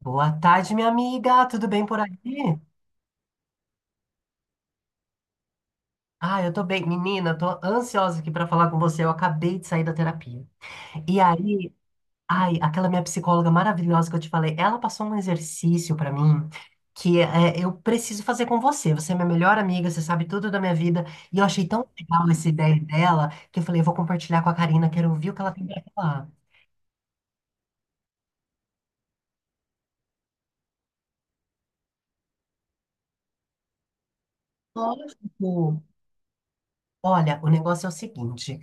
Boa tarde, minha amiga. Tudo bem por aí? Ah, eu tô bem. Menina, tô ansiosa aqui pra falar com você. Eu acabei de sair da terapia. E aí, ai, aquela minha psicóloga maravilhosa que eu te falei, ela passou um exercício pra mim que é, eu preciso fazer com você. Você é minha melhor amiga, você sabe tudo da minha vida. E eu achei tão legal essa ideia dela que eu falei, eu vou compartilhar com a Karina, quero ouvir o que ela tem pra falar. Lógico. Olha, o negócio é o seguinte.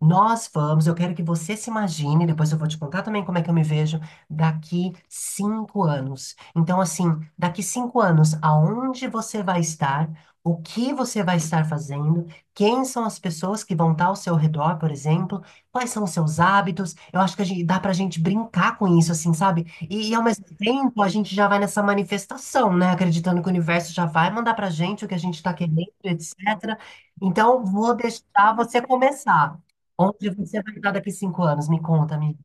Nós vamos, eu quero que você se imagine, depois eu vou te contar também como é que eu me vejo daqui 5 anos. Então, assim, daqui 5 anos, aonde você vai estar, o que você vai estar fazendo, quem são as pessoas que vão estar ao seu redor, por exemplo, quais são os seus hábitos. Eu acho que a gente, dá pra gente brincar com isso, assim, sabe? E ao mesmo tempo, a gente já vai nessa manifestação, né? Acreditando que o universo já vai mandar pra gente o que a gente tá querendo, etc. Então, vou deixar você começar. Onde você vai estar daqui 5 anos? Me conta, amiga.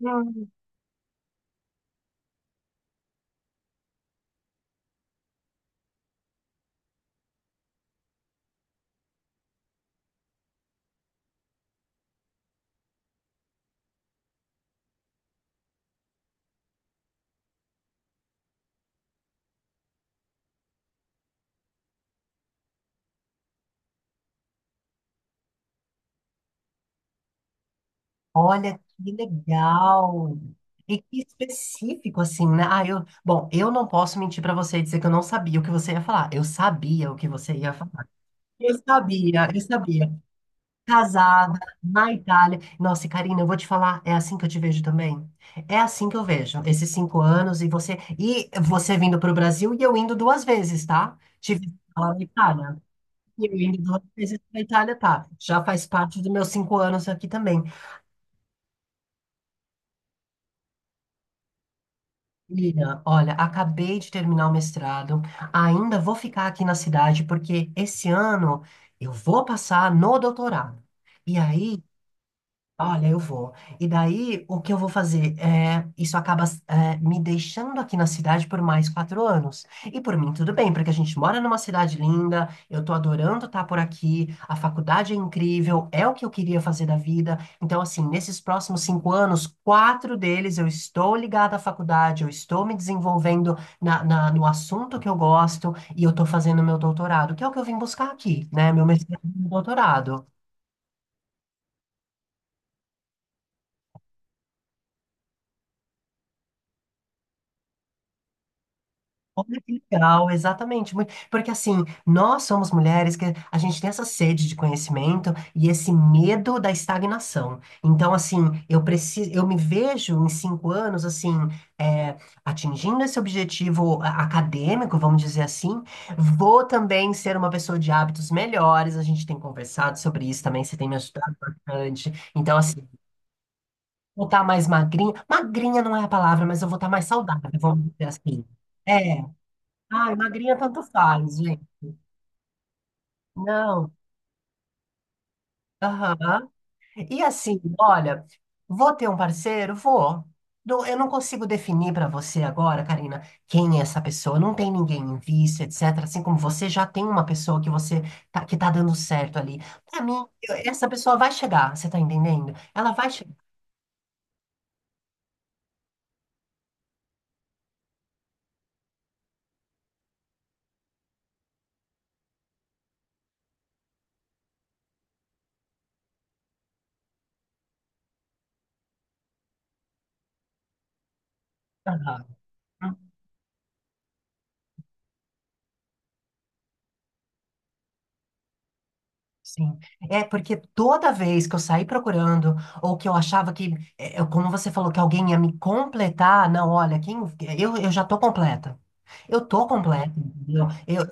Uhum. Olha que legal. E que específico, assim, né? Ah, eu... Bom, eu não posso mentir pra você e dizer que eu não sabia o que você ia falar. Eu sabia o que você ia falar. Eu sabia, eu sabia. Casada, na Itália. Nossa, e Karina, eu vou te falar, é assim que eu te vejo também. É assim que eu vejo, esses 5 anos e você... E você vindo pro Brasil e eu indo duas vezes, tá? Tive lá na Itália. E eu ainda não fiz isso na Itália, tá? Já faz parte dos meus 5 anos aqui também. Lina, olha, acabei de terminar o mestrado, ainda vou ficar aqui na cidade, porque esse ano eu vou passar no doutorado. E aí, olha, eu vou. E daí, o que eu vou fazer? É, isso acaba, é, me deixando aqui na cidade por mais 4 anos. E por mim, tudo bem, porque a gente mora numa cidade linda, eu tô adorando estar por aqui, a faculdade é incrível, é o que eu queria fazer da vida. Então, assim, nesses próximos 5 anos, quatro deles eu estou ligada à faculdade, eu estou me desenvolvendo no assunto que eu gosto e eu tô fazendo meu doutorado, que é o que eu vim buscar aqui, né? Meu mestrado e meu doutorado. Olha que legal, exatamente. Muito- Porque assim, nós somos mulheres que a gente tem essa sede de conhecimento e esse medo da estagnação. Então, assim, eu preciso, eu me vejo em 5 anos, assim, é, atingindo esse objetivo acadêmico, vamos dizer assim. Vou também ser uma pessoa de hábitos melhores. A gente tem conversado sobre isso também, você tem me ajudado bastante. Então, assim, vou estar mais magrinha. Magrinha não é a palavra, mas eu vou estar mais saudável, vamos dizer assim. É. Ai, magrinha tanto faz, gente. Não. Aham. E assim, olha, vou ter um parceiro? Vou. Não- Eu não consigo definir para você agora, Karina, quem é essa pessoa. Não tem ninguém em vista, etc. Assim como você já tem uma pessoa que você tá, que tá dando certo ali. Para mim, eu- essa pessoa vai chegar, você tá entendendo? Ela vai chegar. Aham. Sim. É porque toda vez que eu saí procurando, ou que eu achava que, como você falou, que alguém ia me completar, não, olha, quem, eu já tô completa. Eu tô completa, entendeu? Eu,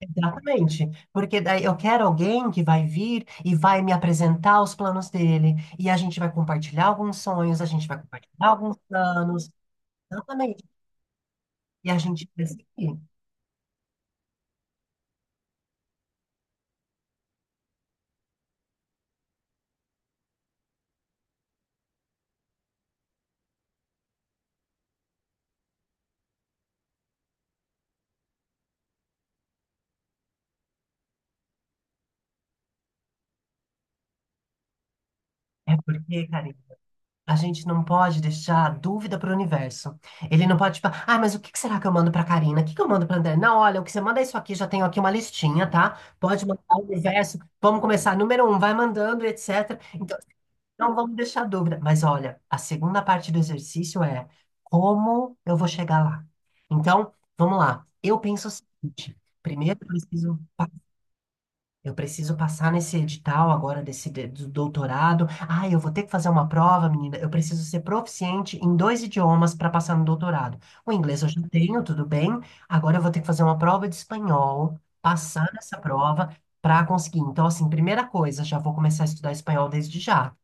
exatamente. Porque daí eu quero alguém que vai vir e vai me apresentar os planos dele. E a gente vai compartilhar alguns sonhos, a gente vai compartilhar alguns planos. Exatamente. E a gente vai seguir. É porque, cara, a gente não pode deixar dúvida para o universo. Ele não pode, tipo, ah, mas o que que será que eu mando para Karina? O que que eu mando para André? Não, olha, o que você manda é isso aqui, já tenho aqui uma listinha, tá? Pode mandar o universo, vamos começar. Número um, vai mandando, etc. Então, assim, não vamos deixar dúvida. Mas olha, a segunda parte do exercício é como eu vou chegar lá. Então, vamos lá. Eu penso o seguinte: primeiro, eu preciso. Eu preciso passar nesse edital agora desse do doutorado. Ah, eu vou ter que fazer uma prova, menina. Eu preciso ser proficiente em dois idiomas para passar no doutorado. O inglês eu já tenho, tudo bem. Agora eu vou ter que fazer uma prova de espanhol, passar nessa prova para conseguir. Então, assim, primeira coisa, já vou começar a estudar espanhol desde já.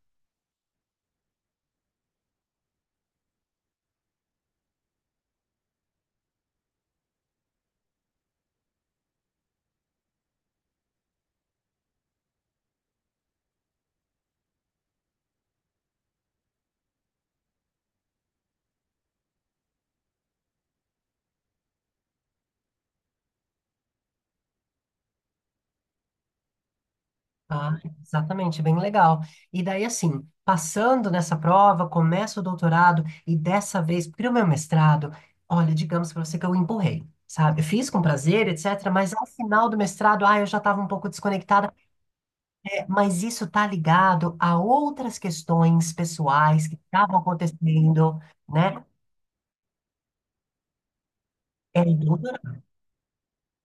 Ah, exatamente, bem legal. E daí, assim, passando nessa prova, começo o doutorado, e dessa vez, para o meu mestrado, olha, digamos para você que eu empurrei sabe? Eu fiz com prazer, etc., mas ao final do mestrado, ah, eu já estava um pouco desconectada, é, mas isso tá ligado a outras questões pessoais que estavam acontecendo, né? É,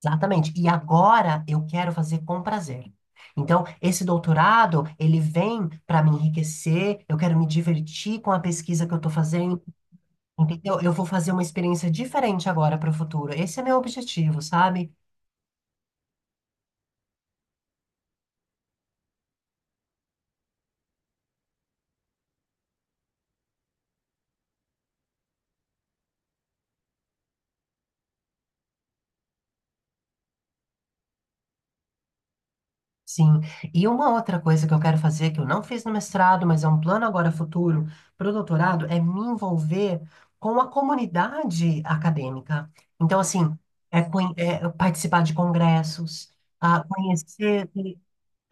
exatamente. E agora eu quero fazer com prazer. Então, esse doutorado, ele vem para me enriquecer, eu quero me divertir com a pesquisa que eu estou fazendo, entendeu? Eu vou fazer uma experiência diferente agora para o futuro. Esse é meu objetivo, sabe? Sim. E uma outra coisa que eu quero fazer, que eu não fiz no mestrado, mas é um plano agora futuro para o doutorado, é me envolver com a comunidade acadêmica. Então, assim, é, é participar de congressos, ah, conhecer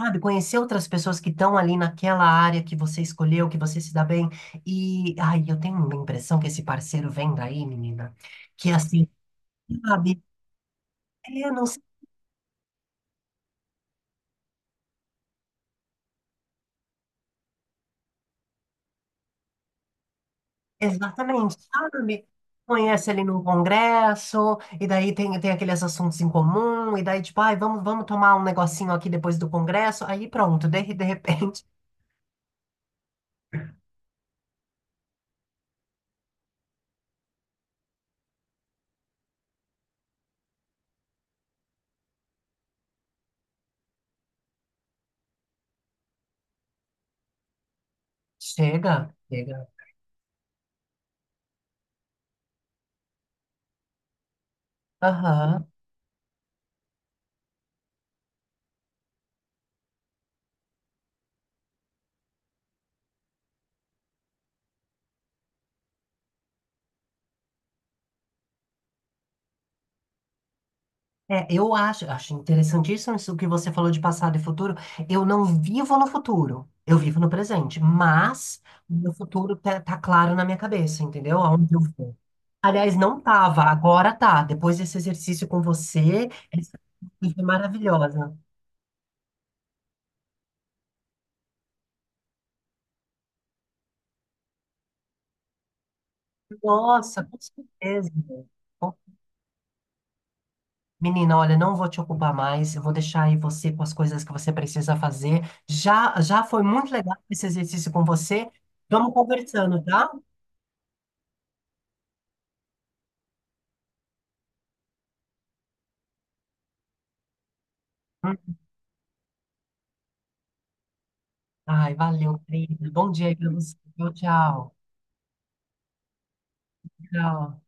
sabe, conhecer outras pessoas que estão ali naquela área que você escolheu, que você se dá bem. E, ai, eu tenho uma impressão que esse parceiro vem daí, menina, que assim, sabe? É, não sei exatamente, sabe? Conhece ali num congresso, e daí tem aqueles assuntos em comum, e daí tipo, ai, vamos tomar um negocinho aqui depois do congresso. Aí pronto, de repente, chega, chega. Aham. É, eu acho, acho interessantíssimo isso que você falou de passado e futuro. Eu não vivo no futuro, eu vivo no presente, mas o meu futuro tá claro na minha cabeça, entendeu? Aonde eu vou. Aliás, não tava, agora tá. Depois desse exercício com você, essa coisa foi maravilhosa. Nossa, com certeza. Bom, menina, olha, não vou te ocupar mais, eu vou deixar aí você com as coisas que você precisa fazer. Já foi muito legal esse exercício com você. Vamos conversando, tá? Ai, valeu, querido. Bom dia aí pra você. Tchau, tchau. Tchau.